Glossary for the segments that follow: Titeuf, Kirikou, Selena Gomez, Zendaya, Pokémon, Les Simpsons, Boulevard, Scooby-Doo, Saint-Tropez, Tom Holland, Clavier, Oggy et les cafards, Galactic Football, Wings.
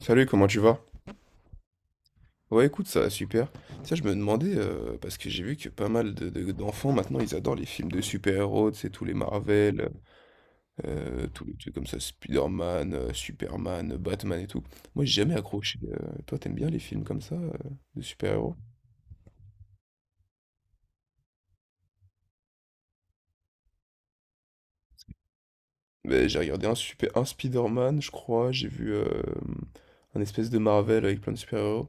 Salut, comment tu vas? Ouais, écoute, ça va super. Tu sais, je me demandais, parce que j'ai vu que pas mal d'enfants maintenant, ils adorent les films de super-héros, tu sais, tous les Marvel, tous les trucs comme ça, Spider-Man, Superman, Batman et tout. Moi, j'ai jamais accroché. Toi, t'aimes bien les films comme ça, de super-héros? Ben, j'ai regardé un Spider-Man, je crois, j'ai vu un espèce de Marvel avec plein de super-héros.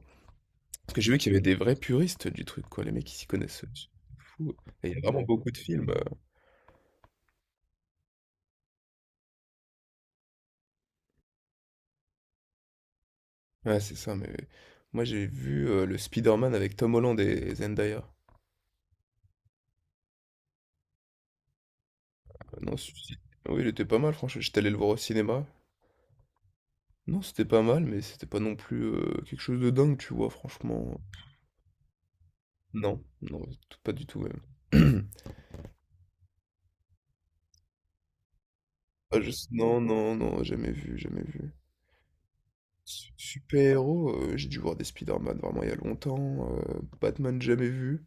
Parce que j'ai vu qu'il y avait des vrais puristes du truc, quoi, les mecs qui s'y connaissent. Fou. Et il y a vraiment beaucoup de films. Ouais, c'est ça, mais moi j'ai vu le Spider-Man avec Tom Holland et Zendaya. Ah non, oui, il était pas mal, franchement. J'étais allé le voir au cinéma. Non, c'était pas mal, mais c'était pas non plus quelque chose de dingue, tu vois, franchement. Non, non, pas du tout même. Ah, je Non, non, non, jamais vu, jamais vu. Super-héros, j'ai dû voir des Spider-Man vraiment il y a longtemps. Batman, jamais vu.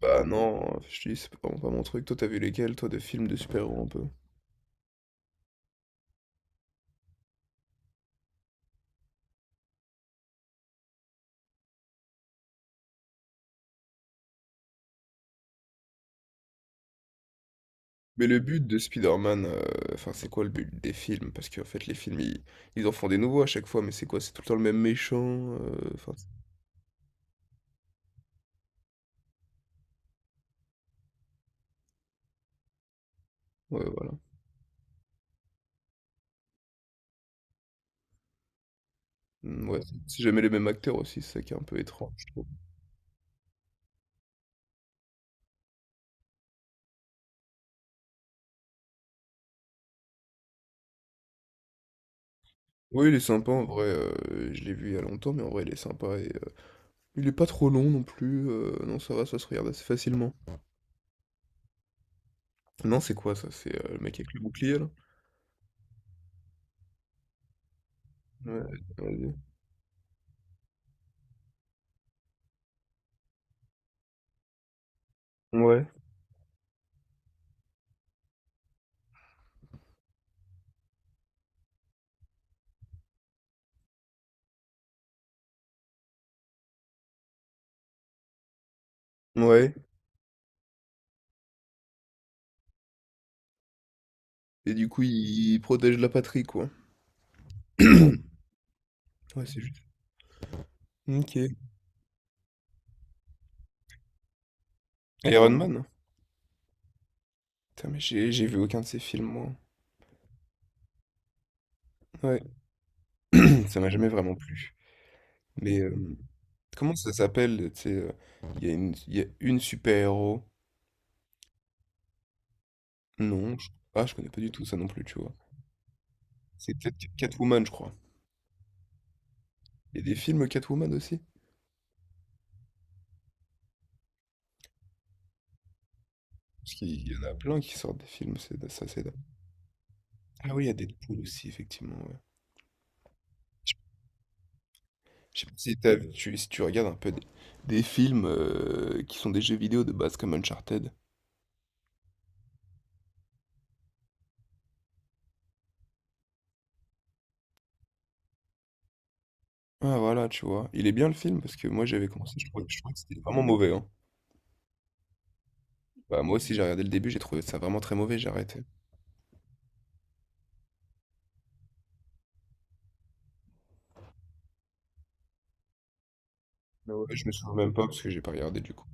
Bah non, je te dis, c'est vraiment pas mon truc. Toi, t'as vu lesquels, toi, de films de super-héros un peu? Mais le but de Spider-Man, enfin c'est quoi le but des films? Parce qu'en fait les films ils en font des nouveaux à chaque fois, mais c'est quoi? C'est tout le temps le même méchant, enfin ouais voilà. Mm, ouais, c'est jamais les mêmes acteurs aussi, c'est ça qui est un peu étrange, je trouve. Oui, il est sympa en vrai, je l'ai vu il y a longtemps, mais en vrai il est sympa et il est pas trop long non plus, non ça va, ça se regarde assez facilement. Non, c'est quoi ça? C'est le mec avec le bouclier là? Ouais, vas-y. Ouais. Ouais. Et du coup il protège la patrie quoi. Ouais, c'est juste. Ok. Iron Man? Putain, mais j'ai vu aucun de ces films, moi. Ouais, ça m'a jamais vraiment plu. Mais comment ça s'appelle, tu sais, il y a une super-héros. Non, ah, je connais pas du tout ça non plus, tu vois. C'est peut-être Catwoman, je crois. Il y a des films Catwoman aussi? Parce qu'il y en a plein qui sortent des films, c'est ça. Ah oui, il y a Deadpool aussi, effectivement, ouais. Je je sais pas si tu regardes un peu des films qui sont des jeux vidéo de base comme Uncharted. Ah voilà, tu vois. Il est bien le film parce que moi j'avais commencé, je trouvais que c'était vraiment mauvais. Hein. Bah, moi aussi, j'ai regardé le début, j'ai trouvé ça vraiment très mauvais, j'ai arrêté. Ah ouais. Ouais, je me souviens même pas parce que j'ai pas regardé du coup.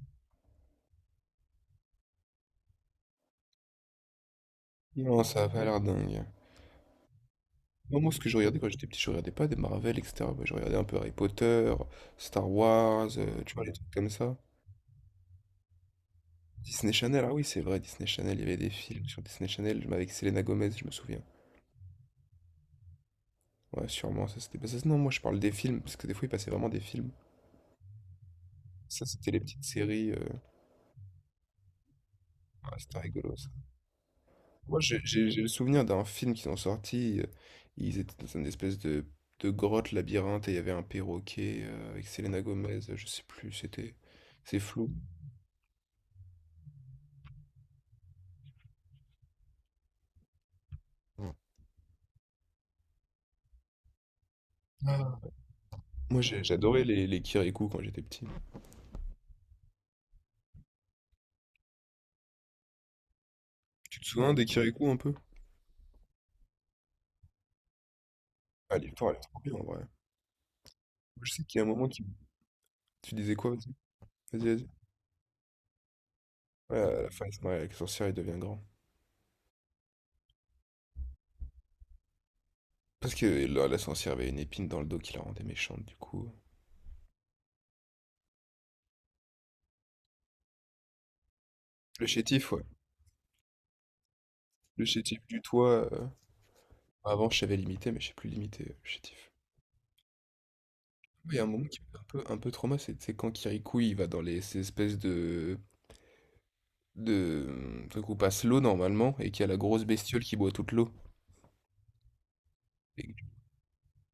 Non, ça a pas l'air dingue. Non, moi, ce que je regardais quand j'étais petit, je regardais pas des Marvel, etc. Bah, je regardais un peu Harry Potter, Star Wars, tu vois, les trucs comme ça. Disney Channel, ah oui, c'est vrai, Disney Channel, il y avait des films sur Disney Channel mais avec Selena Gomez, je me souviens. Ouais, sûrement, ça c'était pas ça. Non, moi, je parle des films parce que des fois, ils passaient vraiment des films. Ça, c'était les petites séries. Ah, c'était rigolo. Moi, j'ai le souvenir d'un film qu'ils ont sorti. Ils étaient dans une espèce de grotte labyrinthe et il y avait un perroquet avec Selena Gomez. Je sais plus, c'est flou. Ouais. Ah. Moi, j'adorais les Kirikou quand j'étais petit. Tu te souviens des Kirikou un peu? Ah, l'histoire, elle est trop bien en vrai. Moi, je sais qu'il y a un moment Tu disais quoi? Vas-y, vas-y, vas-y. Ouais, à la fin, il se marie avec la sorcière, il devient grand. Parce que là, la sorcière avait une épine dans le dos qui la rendait méchante, du coup. Le chétif, ouais. Le chétif du toit. Avant, je savais limiter, mais je sais plus limiter chez Tiff. Il y a un moment qui m'a un peu trauma, c'est quand Kirikou il va dans ces espèces de trucs où passe l'eau normalement et qu'il y a la grosse bestiole qui boit toute l'eau. Et,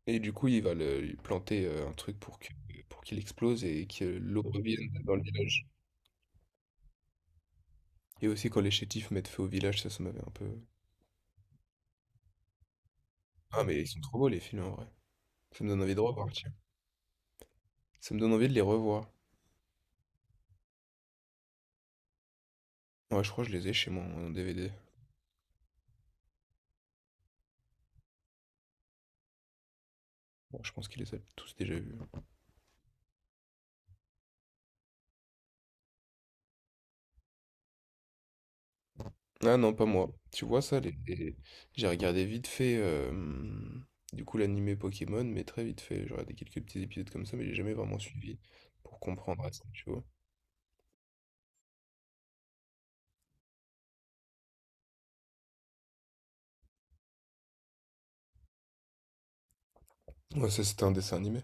et du coup, il va lui planter un truc pour qu'il explose et que l'eau revienne dans le village. Et aussi quand les chétifs mettent feu au village, ça m'avait un peu. Ah, mais ils sont trop beaux les films en vrai. Ça me donne envie de repartir. Ça me donne envie de les revoir. Ouais, je crois que je les ai chez moi en DVD. Bon, je pense qu'il les a tous déjà vus. Ah non, pas moi. Tu vois ça, j'ai regardé vite fait, du coup, l'animé Pokémon, mais très vite fait. J'ai regardé quelques petits épisodes comme ça, mais j'ai jamais vraiment suivi pour comprendre à ça, tu vois. Ouais, ça, c'était un dessin animé.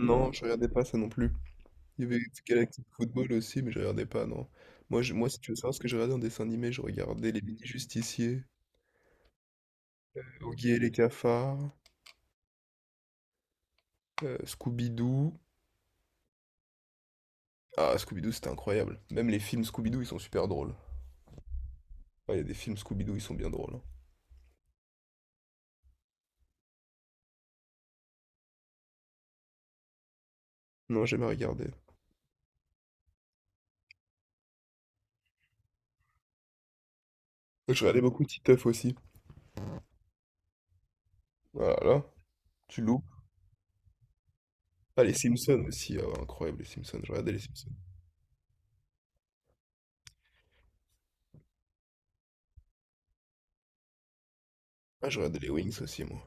Non, je regardais pas ça non plus. Il y avait Galactic Football aussi, mais je regardais pas, non. Moi, moi, si tu veux savoir ce que je regardais en dessin animé, je regardais les mini-justiciers, Oggy et les cafards, Scooby-Doo. Ah, Scooby-Doo, c'était incroyable. Même les films Scooby-Doo, ils sont super drôles. Ah, il y a des films Scooby-Doo, ils sont bien drôles. Hein. Non, j'ai jamais regardé. Je regardais beaucoup Titeuf aussi. Voilà, tu loupes. Ah, les Simpsons aussi, ah ouais, incroyable les Simpsons, je regardais les Simpsons. Ah, je regardais les Wings aussi, moi.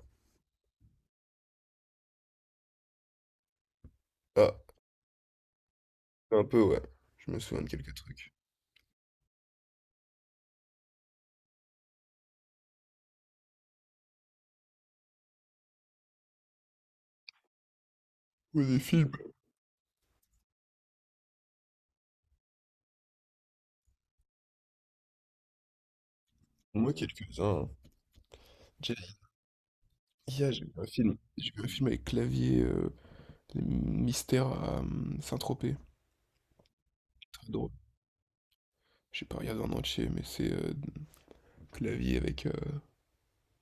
Ah, un peu, ouais. Je me souviens de quelques trucs. Ou des films. Moi, quelques-uns. Hein. J'ai- Hier, j'ai vu un film. J'ai vu un film avec Clavier, les mystères à Saint-Tropez. Très drôle. J'ai pas regardé en entier, mais c'est Clavier avec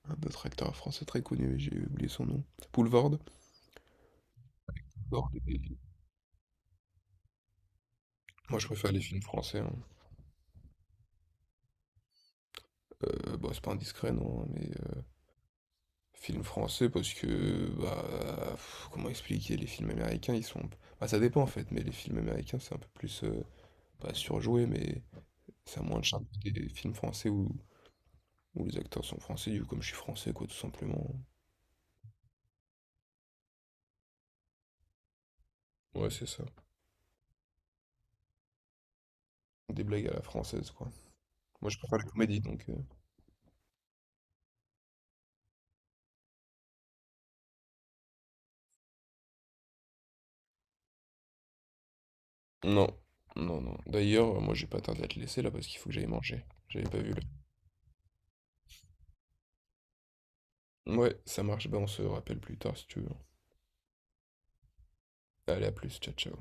un autre acteur français très connu, mais j'ai oublié son nom. Boulevard. Boulevard. Moi, je préfère les films français. Hein. Bon, c'est pas indiscret, non, mais film français parce que, bah, pff, comment expliquer? Les films américains, ils sont bah, ça dépend en fait, mais les films américains, c'est un peu plus, pas surjoué, mais ça a moins de charme que des films français où les acteurs sont français, du coup, comme je suis français, quoi, tout simplement. Ouais, c'est ça. Des blagues à la française, quoi. Moi, je préfère la comédie donc non, non, non. D'ailleurs, moi, j'ai pas tardé à te laisser là parce qu'il faut que j'aille manger. J'avais pas vu l'heure. Ouais, ça marche, bah, on se rappelle plus tard si tu veux. Allez, à plus, ciao, ciao.